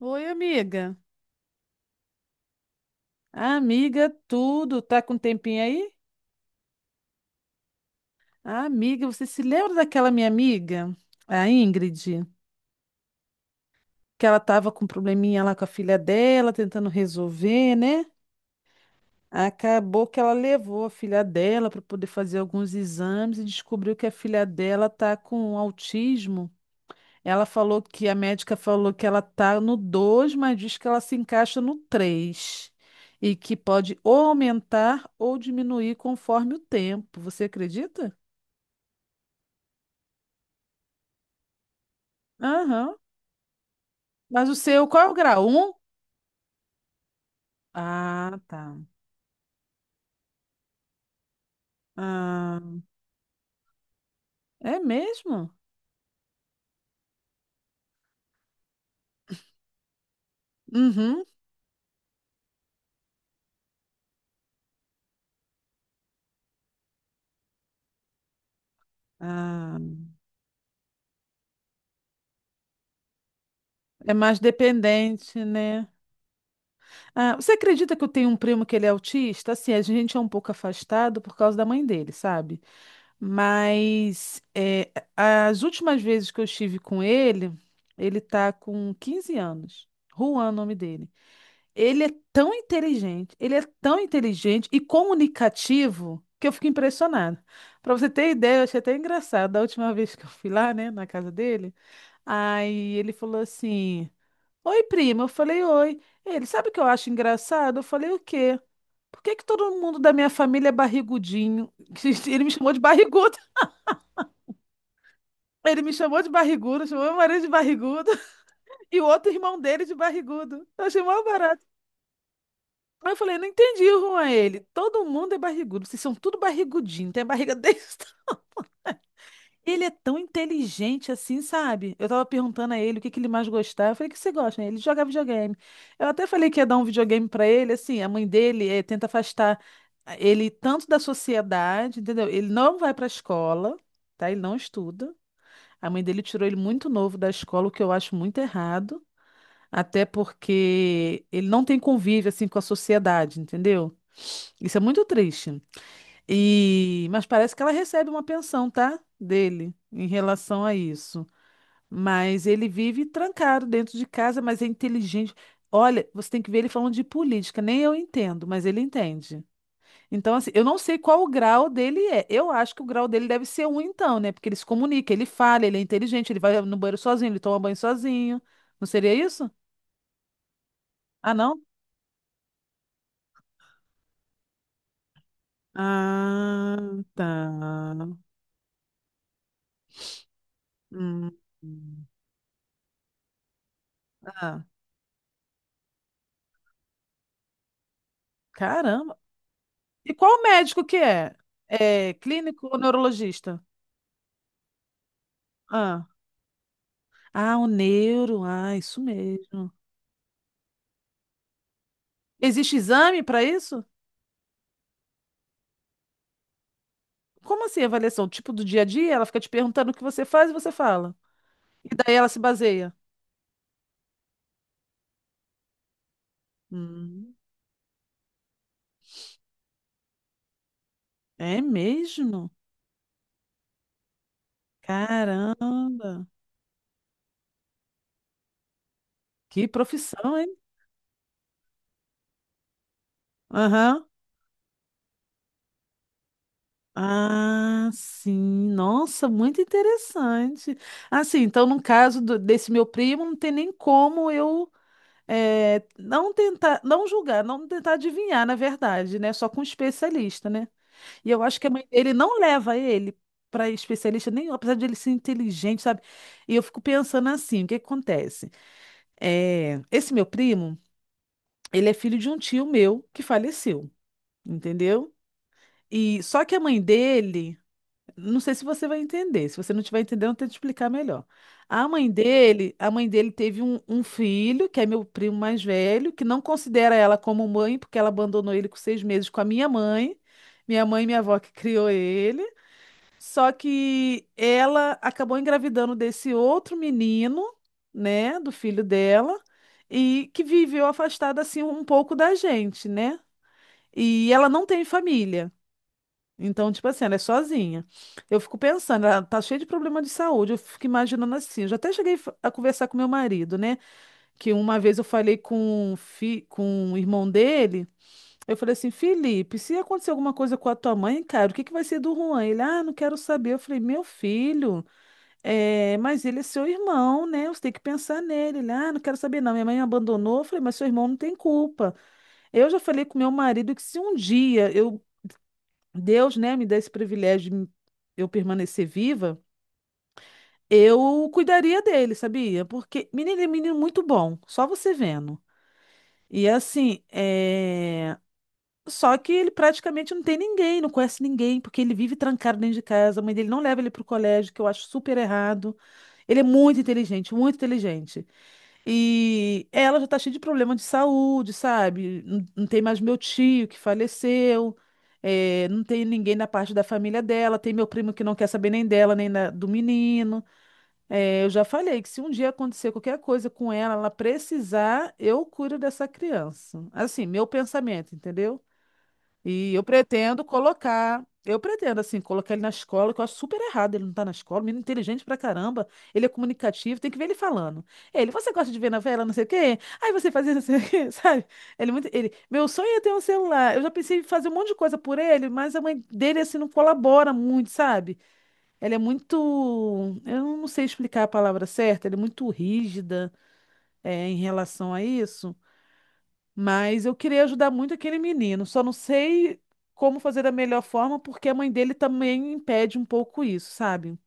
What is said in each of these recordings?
Oi, amiga. Amiga, tudo. Tá com um tempinho aí? Ah, amiga, você se lembra daquela minha amiga, a Ingrid, que ela tava com um probleminha lá com a filha dela, tentando resolver, né? Acabou que ela levou a filha dela para poder fazer alguns exames e descobriu que a filha dela tá com autismo. Ela falou que a médica falou que ela tá no 2, mas diz que ela se encaixa no 3 e que pode ou aumentar ou diminuir conforme o tempo. Você acredita? Aham. Mas o seu, qual é o grau? Um? Ah, tá. Ah, é mesmo? Uhum. Ah, é mais dependente, né? Ah, você acredita que eu tenho um primo que ele é autista? Assim, a gente é um pouco afastado por causa da mãe dele, sabe? Mas é, as últimas vezes que eu estive com ele, ele tá com 15 anos. Juan, é o nome dele. Ele é tão inteligente, ele é tão inteligente e comunicativo que eu fico impressionada. Para você ter ideia, eu achei até engraçado. Da última vez que eu fui lá, né, na casa dele, aí ele falou assim: Oi, prima. Eu falei: Oi. Ele, sabe o que eu acho engraçado? Eu falei: O quê? Por que que todo mundo da minha família é barrigudinho? Ele me chamou de barrigudo. Ele me chamou de barrigudo, chamou meu marido de barrigudo e o outro irmão dele de barrigudo. Eu achei mó barato. Aí eu falei, não entendi o rumo a ele. Todo mundo é barrigudo, vocês são tudo barrigudinho, tem a barriga desse tamanho. Ele é tão inteligente assim, sabe? Eu tava perguntando a ele o que que ele mais gostava. Eu falei, o que você gosta? Ele joga videogame. Eu até falei que ia dar um videogame pra ele, assim, a mãe dele tenta afastar ele tanto da sociedade, entendeu? Ele não vai pra escola, tá? Ele não estuda. A mãe dele tirou ele muito novo da escola, o que eu acho muito errado, até porque ele não tem convívio assim com a sociedade, entendeu? Isso é muito triste. E mas parece que ela recebe uma pensão, tá? Dele em relação a isso. Mas ele vive trancado dentro de casa, mas é inteligente. Olha, você tem que ver ele falando de política, nem eu entendo, mas ele entende. Então, assim, eu não sei qual o grau dele é. Eu acho que o grau dele deve ser um, então, né? Porque ele se comunica, ele fala, ele é inteligente, ele vai no banheiro sozinho, ele toma banho sozinho. Não seria isso? Ah, não? Ah, tá. Hum. Ah, caramba. E qual médico que é? É clínico ou neurologista? Ah, ah, o neuro. Ah, isso mesmo. Existe exame para isso? Como assim, avaliação? Tipo do dia a dia? Ela fica te perguntando o que você faz e você fala. E daí ela se baseia. Hum, é mesmo? Caramba! Que profissão, hein? Aham. Ah, sim. Nossa, muito interessante. Assim, então, no caso desse meu primo, não tem nem como eu não tentar, não julgar, não tentar adivinhar, na verdade, né? Só com um especialista, né? E eu acho que a mãe dele não leva ele para especialista nenhum, apesar de ele ser inteligente, sabe? E eu fico pensando assim, o que que acontece? Esse meu primo. Ele é filho de um tio meu que faleceu, entendeu? E só que a mãe dele, não sei se você vai entender. Se você não tiver entendendo, eu tento explicar melhor. A mãe dele teve um filho, que é meu primo mais velho, que não considera ela como mãe, porque ela abandonou ele com 6 meses com a minha mãe. Minha mãe e minha avó que criou ele. Só que ela acabou engravidando desse outro menino, né, do filho dela, e que viveu afastada assim um pouco da gente, né? E ela não tem família. Então, tipo assim, ela é sozinha. Eu fico pensando, ela tá cheia de problema de saúde. Eu fico imaginando assim. Eu já até cheguei a conversar com meu marido, né? Que uma vez eu falei com, com o irmão dele. Eu falei assim, Felipe, se acontecer alguma coisa com a tua mãe, cara, o que que vai ser do Juan? Ele, ah, não quero saber. Eu falei, meu filho, é, mas ele é seu irmão, né? Você tem que pensar nele. Ele, ah, não quero saber não. Minha mãe me abandonou. Eu falei, mas seu irmão não tem culpa. Eu já falei com meu marido que se um dia eu Deus, né, me dá esse privilégio de eu permanecer viva, eu cuidaria dele, sabia? Porque, menino, ele é um menino muito bom, só você vendo. E assim, é, só que ele praticamente não tem ninguém, não conhece ninguém, porque ele vive trancado dentro de casa, a mãe dele não leva ele pro colégio, que eu acho super errado. Ele é muito inteligente, muito inteligente. E ela já tá cheia de problema de saúde, sabe? Não, não tem mais meu tio que faleceu, não tem ninguém na parte da família dela, tem meu primo que não quer saber nem dela, nem do menino. Eu já falei que se um dia acontecer qualquer coisa com ela, ela precisar, eu cuido dessa criança. Assim, meu pensamento, entendeu? E eu pretendo colocar, eu pretendo, assim, colocar ele na escola, que eu acho super errado ele não estar na escola, menino inteligente pra caramba, ele é comunicativo, tem que ver ele falando. Ele, você gosta de ver novela, não sei o quê? Aí você faz isso, não sei o quê, sabe? Ele, é muito, ele, meu sonho é ter um celular, eu já pensei em fazer um monte de coisa por ele, mas a mãe dele, assim, não colabora muito, sabe? Ela é muito, eu não sei explicar a palavra certa, ela é muito rígida, é, em relação a isso. Mas eu queria ajudar muito aquele menino, só não sei como fazer da melhor forma, porque a mãe dele também impede um pouco isso, sabe?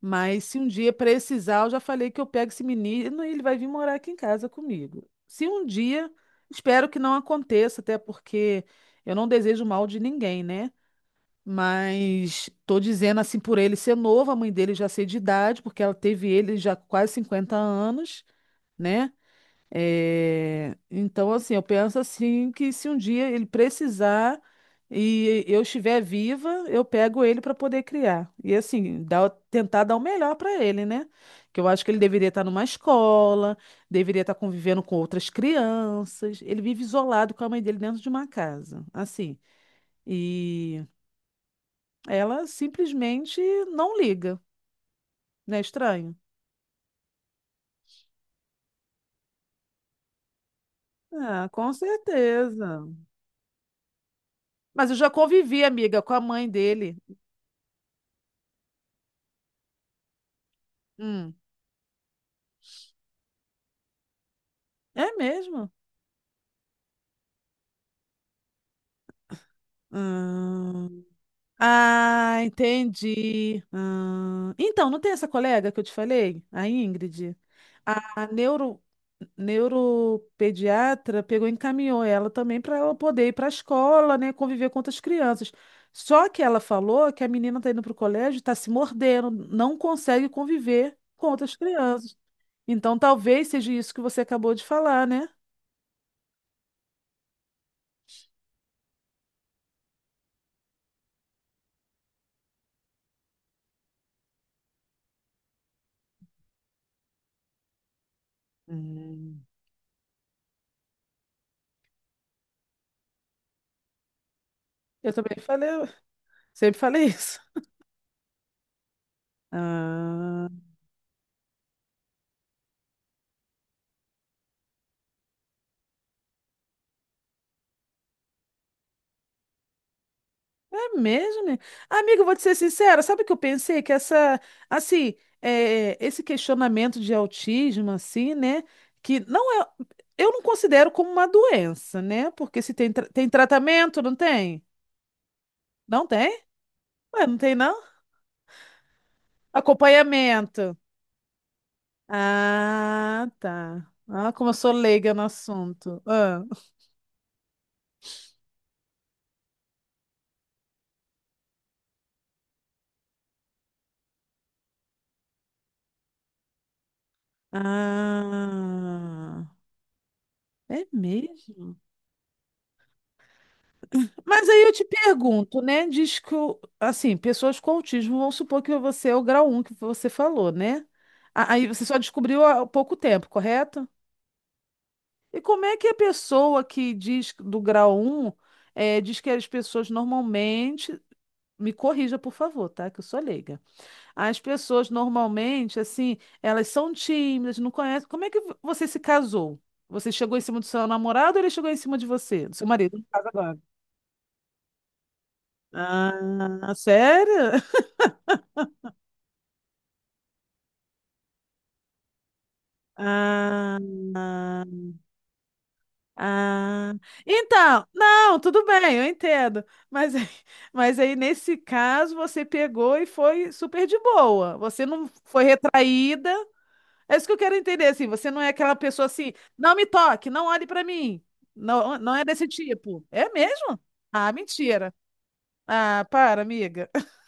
Mas se um dia precisar, eu já falei que eu pego esse menino e ele vai vir morar aqui em casa comigo. Se um dia, espero que não aconteça, até porque eu não desejo mal de ninguém, né? Mas tô dizendo assim por ele ser novo, a mãe dele já ser de idade, porque ela teve ele já com quase 50 anos, né? É, então, assim, eu penso assim que se um dia ele precisar e eu estiver viva, eu pego ele para poder criar. E assim, tentar dar o melhor para ele, né? Que eu acho que ele deveria estar numa escola, deveria estar convivendo com outras crianças. Ele vive isolado com a mãe dele dentro de uma casa, assim. E ela simplesmente não liga, né? Estranho. Ah, com certeza. Mas eu já convivi, amiga, com a mãe dele. Hum. É mesmo? Hum. Ah, entendi. Hum. Então, não tem essa colega que eu te falei? A Ingrid? A neuropediatra pegou e encaminhou ela também para ela poder ir para a escola, né, conviver com outras crianças. Só que ela falou que a menina está indo para o colégio, está se mordendo, não consegue conviver com outras crianças. Então, talvez seja isso que você acabou de falar, né? Hum. Eu também falei, sempre falei isso. Ah. É mesmo, né? Amiga, eu vou te ser sincera, sabe o que eu pensei? Que essa, assim, é, esse questionamento de autismo, assim, né? Que não é, eu não considero como uma doença, né? Porque se tem, tem tratamento, não tem? Não tem? Ué, não tem, não? Acompanhamento. Ah, tá. Ah, como eu sou leiga no assunto. Ah, ah é mesmo? Mas aí eu te pergunto, né? Diz que, assim, pessoas com autismo, vamos supor que você é o grau um que você falou, né? Aí você só descobriu há pouco tempo, correto? E como é que a pessoa que diz do grau um diz que as pessoas normalmente, me corrija, por favor, tá? Que eu sou leiga. As pessoas normalmente, assim, elas são tímidas, não conhecem. Como é que você se casou? Você chegou em cima do seu namorado ou ele chegou em cima de você, do seu marido? No caso agora. Ah, sério? Ah, ah. Ah. Então, não, tudo bem, eu entendo. Mas, mas aí, nesse caso, você pegou e foi super de boa. Você não foi retraída. É isso que eu quero entender, assim. Você não é aquela pessoa assim, não me toque, não olhe pra mim. Não, não é desse tipo. É mesmo? Ah, mentira. Ah, para, amiga.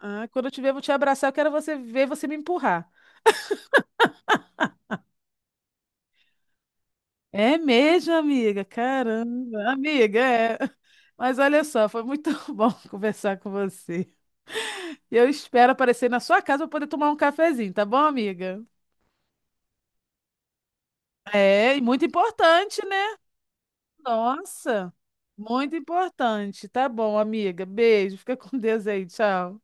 Ah, quando eu te ver, eu vou te abraçar. Eu quero você ver você me empurrar. É mesmo, amiga. Caramba, amiga, é. Mas olha só, foi muito bom conversar com você. E eu espero aparecer na sua casa para poder tomar um cafezinho, tá bom, amiga? É, e muito importante, né? Nossa, muito importante. Tá bom, amiga. Beijo, fica com Deus aí, tchau.